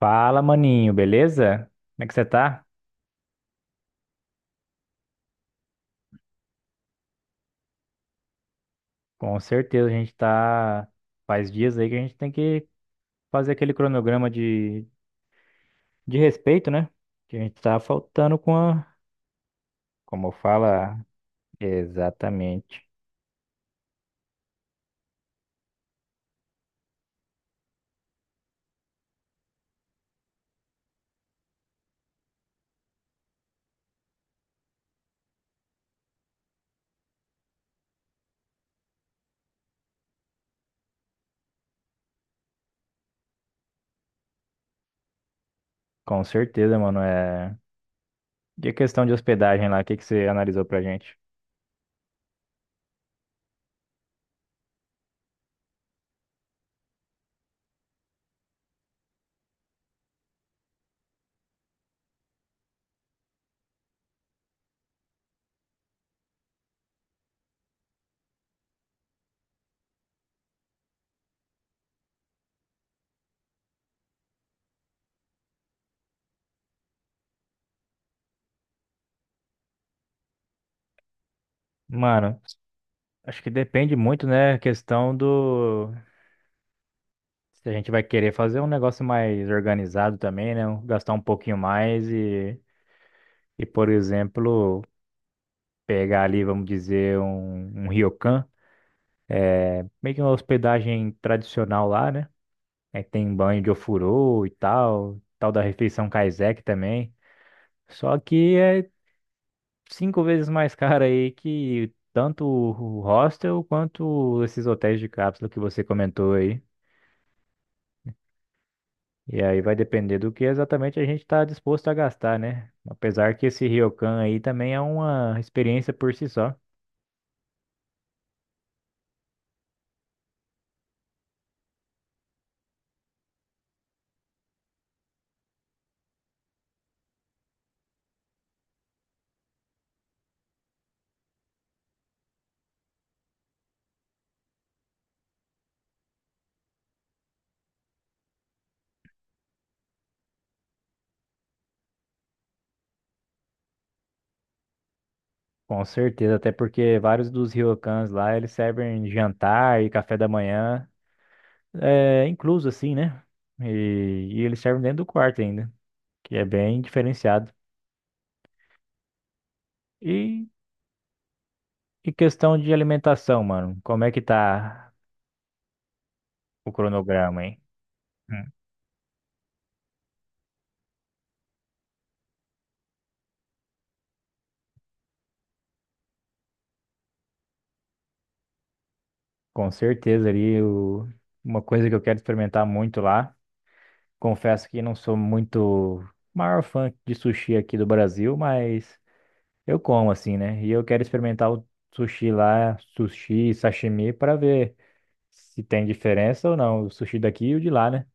Fala, maninho, beleza? Como é que você tá? Com certeza a gente tá. Faz dias aí que a gente tem que fazer aquele cronograma de respeito, né? Que a gente tá faltando com a. Como fala. Exatamente. Com certeza, mano. É. E a questão de hospedagem lá, o que que você analisou pra gente? Mano, acho que depende muito, né? A questão do. Se a gente vai querer fazer um negócio mais organizado também, né? Gastar um pouquinho mais e. E, por exemplo. Pegar ali, vamos dizer, um ryokan, meio que uma hospedagem tradicional lá, né? Aí tem banho de ofurô e tal, tal da refeição kaiseki também. Só que é cinco vezes mais caro aí que tanto o hostel quanto esses hotéis de cápsula que você comentou aí. E aí vai depender do que exatamente a gente está disposto a gastar, né? Apesar que esse ryokan aí também é uma experiência por si só. Com certeza, até porque vários dos ryokans lá, eles servem jantar e café da manhã, incluso assim, né? E eles servem dentro do quarto ainda, que é bem diferenciado. E, e questão de alimentação, mano, como é que tá o cronograma, hein? Hum. Com certeza ali, uma coisa que eu quero experimentar muito lá, confesso que não sou muito maior fã de sushi aqui do Brasil, mas... Eu como assim, né? E eu quero experimentar o sushi lá, sushi, sashimi, para ver se tem diferença ou não, o sushi daqui e o de lá, né?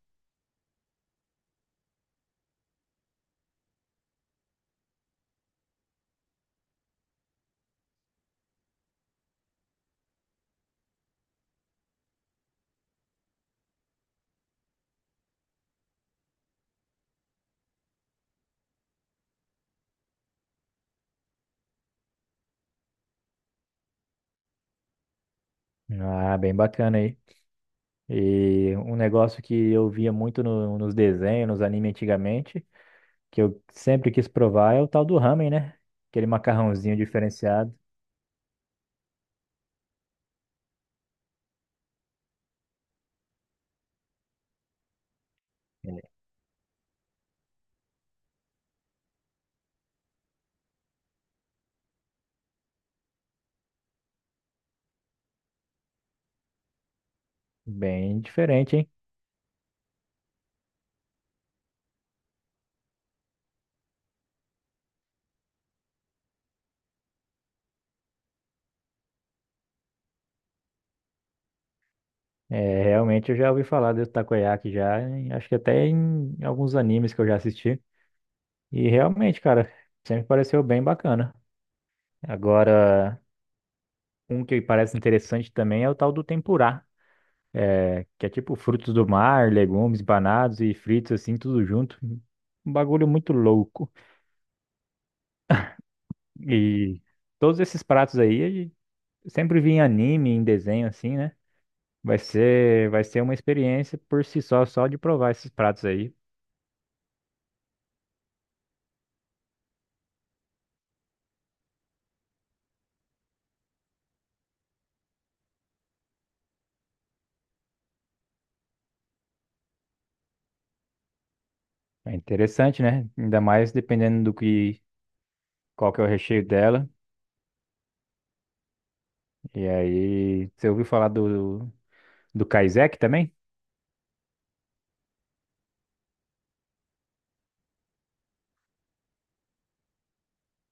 Ah, bem bacana aí. E um negócio que eu via muito nos desenhos, nos animes antigamente, que eu sempre quis provar é o tal do ramen, né? Aquele macarrãozinho diferenciado, bem diferente, hein? É, realmente eu já ouvi falar do takoyaki já, acho que até em alguns animes que eu já assisti. E realmente, cara, sempre pareceu bem bacana. Agora, um que parece interessante também é o tal do tempurá, que é tipo frutos do mar, legumes, banados e fritos assim, tudo junto. Um bagulho muito louco. E todos esses pratos aí, eu sempre vi em anime, em desenho assim, né? Vai ser uma experiência por si só, só de provar esses pratos aí. É interessante, né? Ainda mais dependendo do que, qual que é o recheio dela. E aí, você ouviu falar do, do Kaisek também?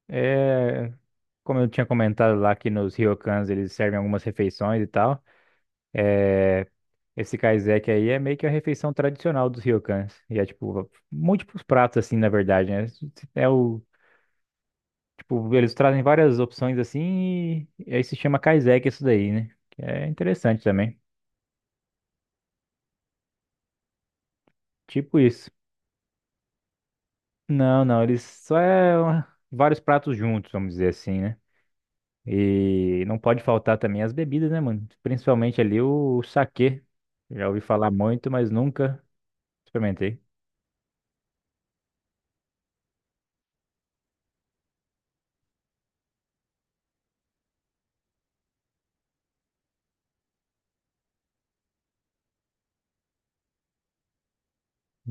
É, como eu tinha comentado lá que nos ryokans eles servem algumas refeições e tal, esse kaiseki aí é meio que a refeição tradicional dos ryokans. E é tipo múltiplos pratos assim, na verdade, né? É o tipo eles trazem várias opções assim e aí se chama kaiseki isso daí, né? Que é interessante também. Tipo isso. Não, não, eles só é uma- vários pratos juntos, vamos dizer assim, né? E não pode faltar também as bebidas, né, mano? Principalmente ali o saquê. Já ouvi falar muito, mas nunca experimentei.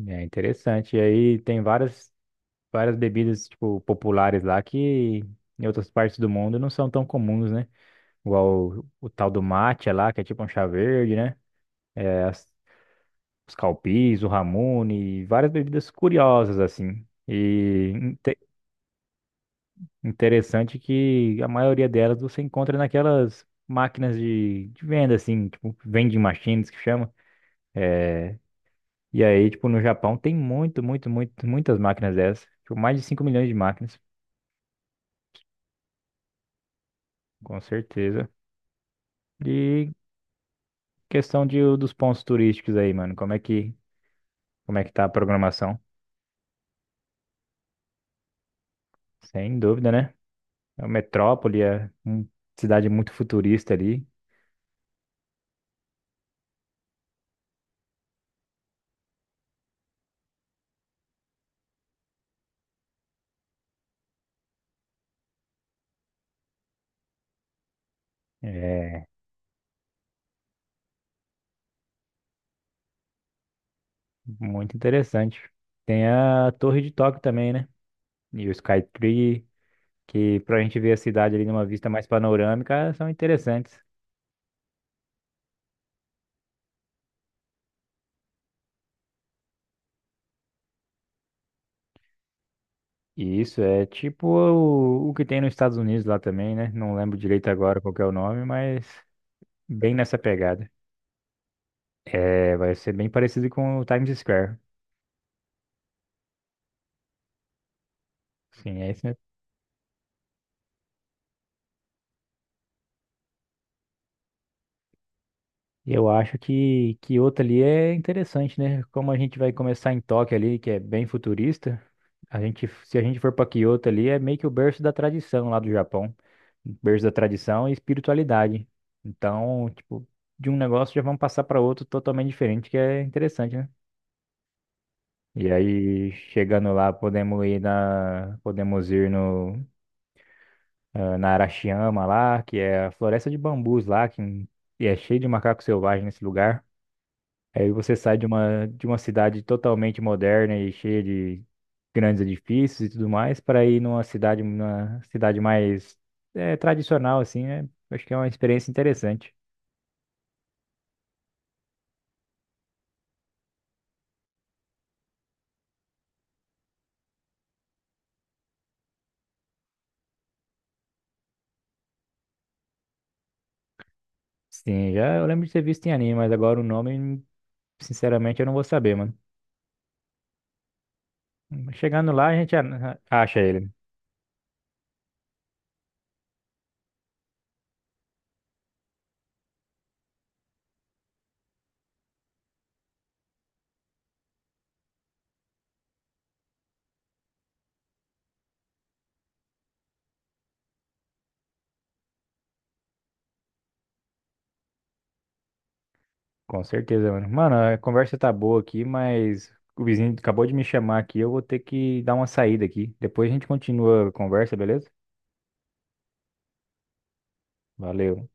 É interessante. E aí tem várias, várias bebidas, tipo, populares lá que em outras partes do mundo não são tão comuns, né? Igual o tal do matcha lá, que é tipo um chá verde, né? É os calpis, o ramune, várias bebidas curiosas, assim. E interessante que a maioria delas você encontra naquelas máquinas de venda, assim, tipo, vending machines que chama. E aí, tipo, no Japão tem muito, muito, muito, muitas máquinas dessas. Tipo, mais de 5 milhões de máquinas. Com certeza. E questão de, dos pontos turísticos aí, mano, como é que tá a programação? Sem dúvida, né? É uma metrópole, é uma cidade muito futurista ali, é muito interessante. Tem a Torre de Tóquio também, né? E o Skytree, que pra gente ver a cidade ali numa vista mais panorâmica, são interessantes. E isso, é tipo o que tem nos Estados Unidos lá também, né? Não lembro direito agora qual que é o nome, mas bem nessa pegada. É, vai ser bem parecido com o Times Square. Sim, é isso mesmo. E eu acho que Kyoto ali é interessante, né? Como a gente vai começar em Tóquio ali, que é bem futurista, a gente, se a gente for para Kyoto ali, é meio que o berço da tradição lá do Japão. Berço da tradição e espiritualidade. Então, tipo, de um negócio já vamos passar para outro totalmente diferente, que é interessante, né? E aí, chegando lá, podemos ir na, podemos ir no na Arashiyama lá, que é a floresta de bambus lá, que e é cheio de macaco selvagem nesse lugar. Aí você sai de uma cidade totalmente moderna e cheia de grandes edifícios e tudo mais, para ir numa cidade mais tradicional, assim, né? Acho que é uma experiência interessante. Sim, já eu lembro de ter visto em anime, mas agora o nome, sinceramente, eu não vou saber, mano. Chegando lá, a gente acha ele. Com certeza, mano. Mano, a conversa tá boa aqui, mas o vizinho acabou de me chamar aqui. Eu vou ter que dar uma saída aqui. Depois a gente continua a conversa, beleza? Valeu.